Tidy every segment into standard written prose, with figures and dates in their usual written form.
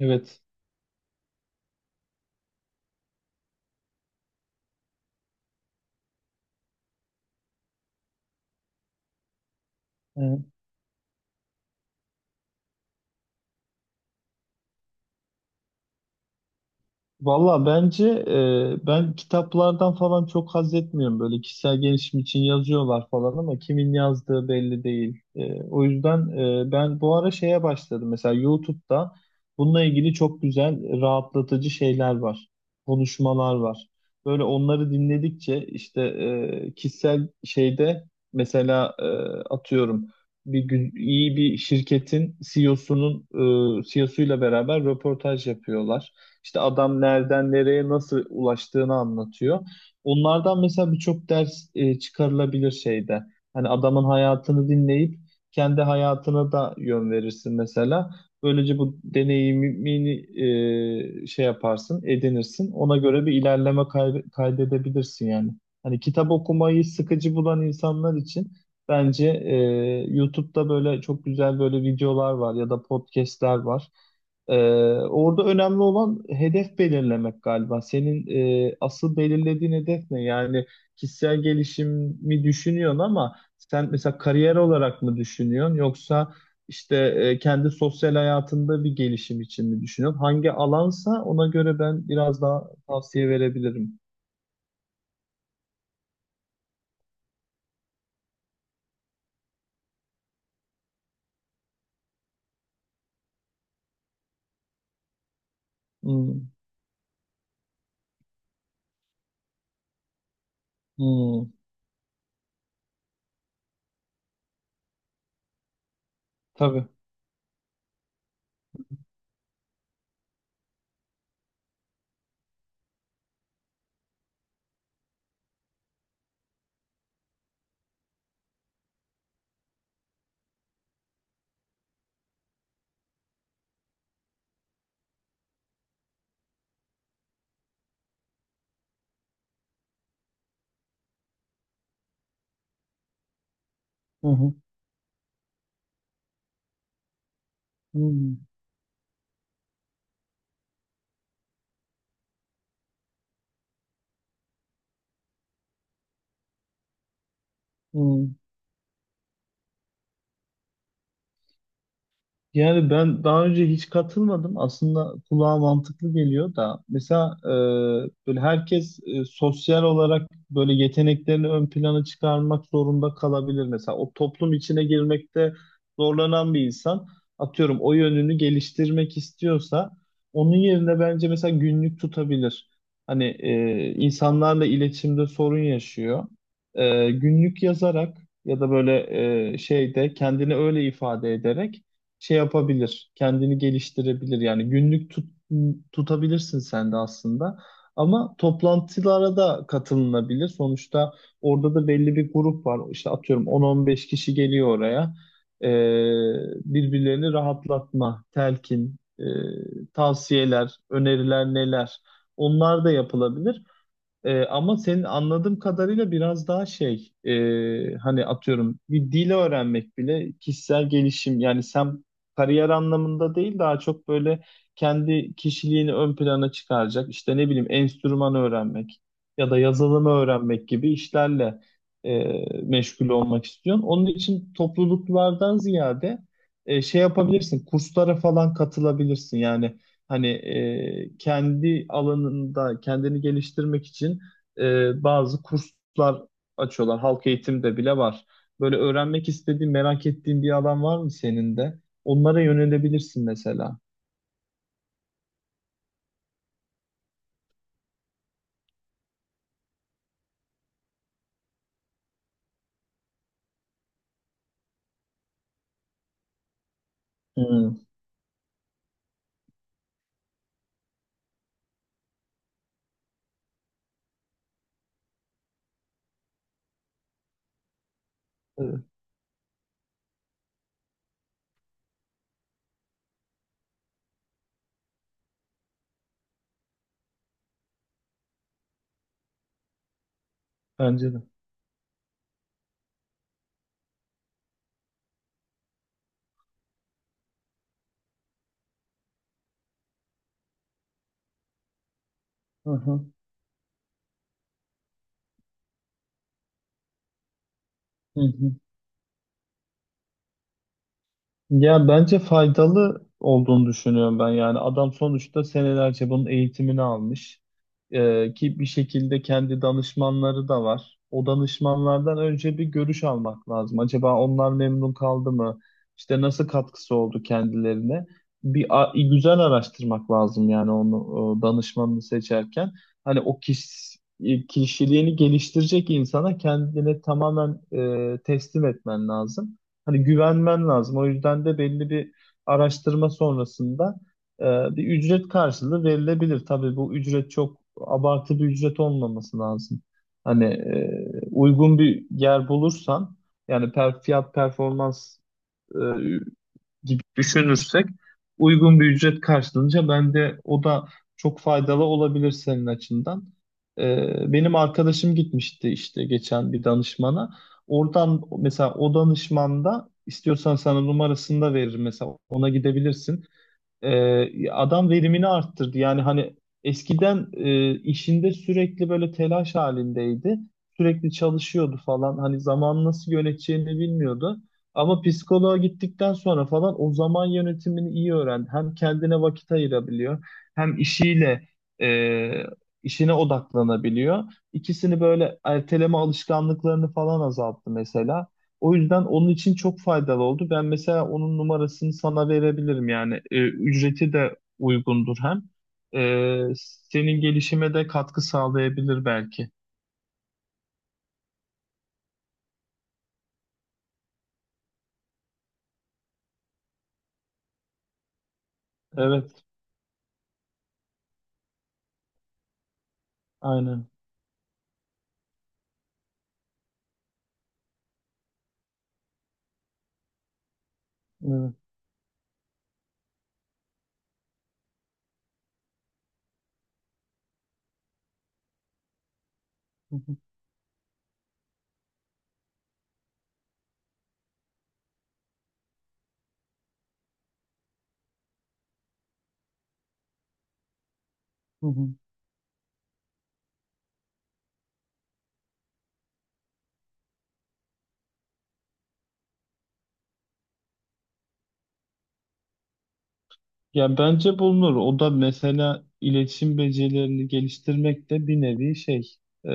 Evet. Ee, Valla bence ben kitaplardan falan çok haz etmiyorum. Böyle kişisel gelişim için yazıyorlar falan ama kimin yazdığı belli değil. O yüzden ben bu ara şeye başladım. Mesela YouTube'da bununla ilgili çok güzel rahatlatıcı şeyler var. Konuşmalar var. Böyle onları dinledikçe işte kişisel şeyde mesela atıyorum bir gün iyi bir şirketin CEO'sunun CEO'suyla beraber röportaj yapıyorlar. İşte adam nereden nereye nasıl ulaştığını anlatıyor. Onlardan mesela birçok ders çıkarılabilir şeyde. Hani adamın hayatını dinleyip kendi hayatına da yön verirsin mesela. Böylece bu deneyimini şey yaparsın, edinirsin. Ona göre bir ilerleme kaydedebilirsin yani. Hani kitap okumayı sıkıcı bulan insanlar için bence YouTube'da böyle çok güzel böyle videolar var ya da podcastler var. Ee, Orada önemli olan hedef belirlemek galiba. Senin asıl belirlediğin hedef ne? Yani kişisel gelişimi düşünüyorsun ama sen mesela kariyer olarak mı düşünüyorsun yoksa işte kendi sosyal hayatında bir gelişim için mi düşünüyorsun? Hangi alansa ona göre ben biraz daha tavsiye verebilirim. Hmm, hmm, tabii. Hı hı, hmm, hmm. Yani ben daha önce hiç katılmadım. Aslında kulağa mantıklı geliyor da. Mesela böyle herkes sosyal olarak böyle yeteneklerini ön plana çıkarmak zorunda kalabilir. Mesela o toplum içine girmekte zorlanan bir insan atıyorum o yönünü geliştirmek istiyorsa onun yerine bence mesela günlük tutabilir. Hani insanlarla iletişimde sorun yaşıyor. Günlük yazarak ya da böyle şeyde kendini öyle ifade ederek şey yapabilir, kendini geliştirebilir. Yani günlük tutabilirsin sen de aslında. Ama toplantılara da katılınabilir. Sonuçta orada da belli bir grup var. İşte atıyorum 10-15 kişi geliyor oraya. Ee, Birbirlerini rahatlatma, telkin, tavsiyeler, öneriler neler? Onlar da yapılabilir. Ama senin anladığım kadarıyla biraz daha şey hani atıyorum bir dil öğrenmek bile kişisel gelişim yani sen kariyer anlamında değil daha çok böyle kendi kişiliğini ön plana çıkaracak işte ne bileyim enstrüman öğrenmek ya da yazılımı öğrenmek gibi işlerle meşgul olmak istiyorsun. Onun için topluluklardan ziyade şey yapabilirsin kurslara falan katılabilirsin yani. Hani kendi alanında kendini geliştirmek için bazı kurslar açıyorlar. Halk eğitimde bile var. Böyle öğrenmek istediğin, merak ettiğin bir alan var mı senin de? Onlara yönelebilirsin mesela. Hmm. Evet, bence de. Hı hı. Hı hı. Ya bence faydalı olduğunu düşünüyorum ben. Yani adam sonuçta senelerce bunun eğitimini almış. Ki bir şekilde kendi danışmanları da var. O danışmanlardan önce bir görüş almak lazım. Acaba onlar memnun kaldı mı? İşte nasıl katkısı oldu kendilerine? Bir güzel araştırmak lazım yani onu danışmanını seçerken. Hani o kişiliğini geliştirecek insana kendini tamamen teslim etmen lazım. Hani güvenmen lazım. O yüzden de belli bir araştırma sonrasında e, bir ücret karşılığı verilebilir. Tabii bu ücret çok abartı bir ücret olmaması lazım. Hani uygun bir yer bulursan yani fiyat performans e, gibi düşünürsek uygun bir ücret karşılığınca bence o da çok faydalı olabilir senin açından. Benim arkadaşım gitmişti işte geçen bir danışmana. Oradan mesela o danışman da istiyorsan sana numarasını da verir mesela ona gidebilirsin. Adam verimini arttırdı. Yani hani eskiden işinde sürekli böyle telaş halindeydi. Sürekli çalışıyordu falan. Hani zaman nasıl yöneteceğini bilmiyordu. Ama psikoloğa gittikten sonra falan o zaman yönetimini iyi öğrendi. Hem kendine vakit ayırabiliyor, hem e, işine odaklanabiliyor. İkisini böyle erteleme alışkanlıklarını falan azalttı mesela. O yüzden onun için çok faydalı oldu. Ben mesela onun numarasını sana verebilirim yani. Ücreti de uygundur hem. E, Senin gelişime de katkı sağlayabilir belki. Evet, aynen. Evet. Hı hı, hı hı. Ya bence bulunur. O da mesela iletişim becerilerini geliştirmek de bir nevi şey e,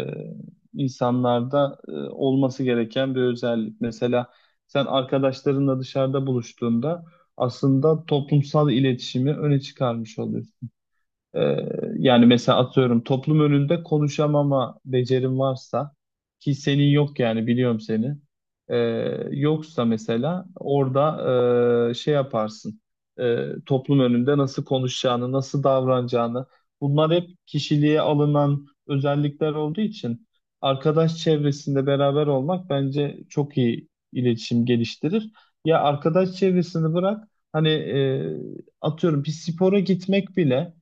insanlarda olması gereken bir özellik. Mesela sen arkadaşlarınla dışarıda buluştuğunda aslında toplumsal iletişimi öne çıkarmış oluyorsun. Ee, Yani mesela atıyorum toplum önünde konuşamama becerim varsa ki senin yok yani biliyorum seni. Ee, Yoksa mesela orada şey yaparsın. Toplum önünde nasıl konuşacağını, nasıl davranacağını. Bunlar hep kişiliğe alınan özellikler olduğu için arkadaş çevresinde beraber olmak bence çok iyi iletişim geliştirir. Ya arkadaş çevresini bırak hani atıyorum bir spora gitmek bile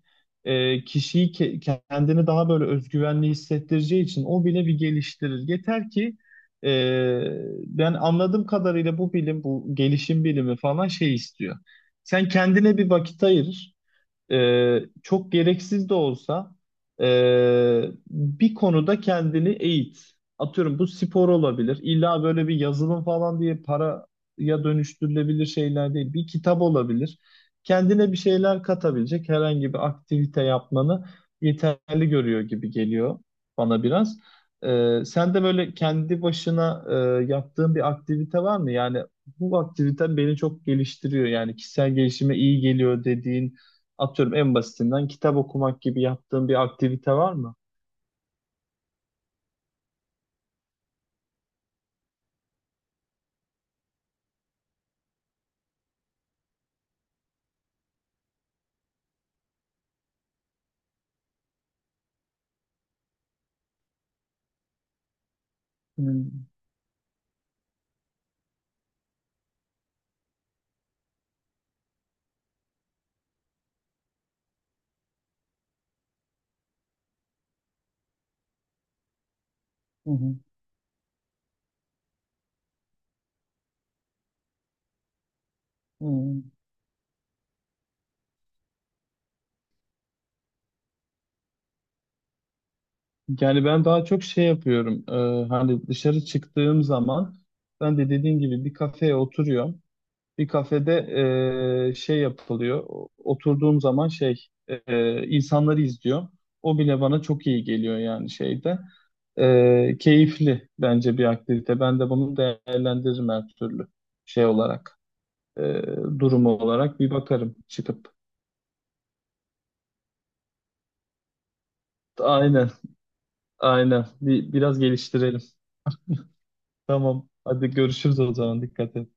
kişiyi kendini daha böyle özgüvenli hissettireceği için o bile bir geliştirir. Yeter ki e, ben anladığım kadarıyla bu bilim, bu gelişim bilimi falan şey istiyor. Sen kendine bir vakit ayır çok gereksiz de olsa e, bir konuda kendini eğit. Atıyorum bu spor olabilir. İlla böyle bir yazılım falan diye paraya dönüştürülebilir şeyler değil. Bir kitap olabilir. Kendine bir şeyler katabilecek herhangi bir aktivite yapmanı yeterli görüyor gibi geliyor bana biraz. Sen de böyle kendi başına yaptığın bir aktivite var mı? Yani bu aktivite beni çok geliştiriyor. Yani kişisel gelişime iyi geliyor dediğin atıyorum en basitinden kitap okumak gibi yaptığın bir aktivite var mı? Hmm, hı hı. Hmm. Yani ben daha çok şey yapıyorum. Hani dışarı çıktığım zaman ben de dediğim gibi bir kafeye oturuyorum. Bir kafede şey yapılıyor. Oturduğum zaman şey insanları izliyorum. O bile bana çok iyi geliyor yani şeyde. Keyifli bence bir aktivite. Ben de bunu değerlendiririm her türlü şey olarak. Ee, durumu olarak bir bakarım çıkıp. Aynen, aynen. Bir, biraz geliştirelim. Tamam. Hadi görüşürüz o zaman. Dikkat et.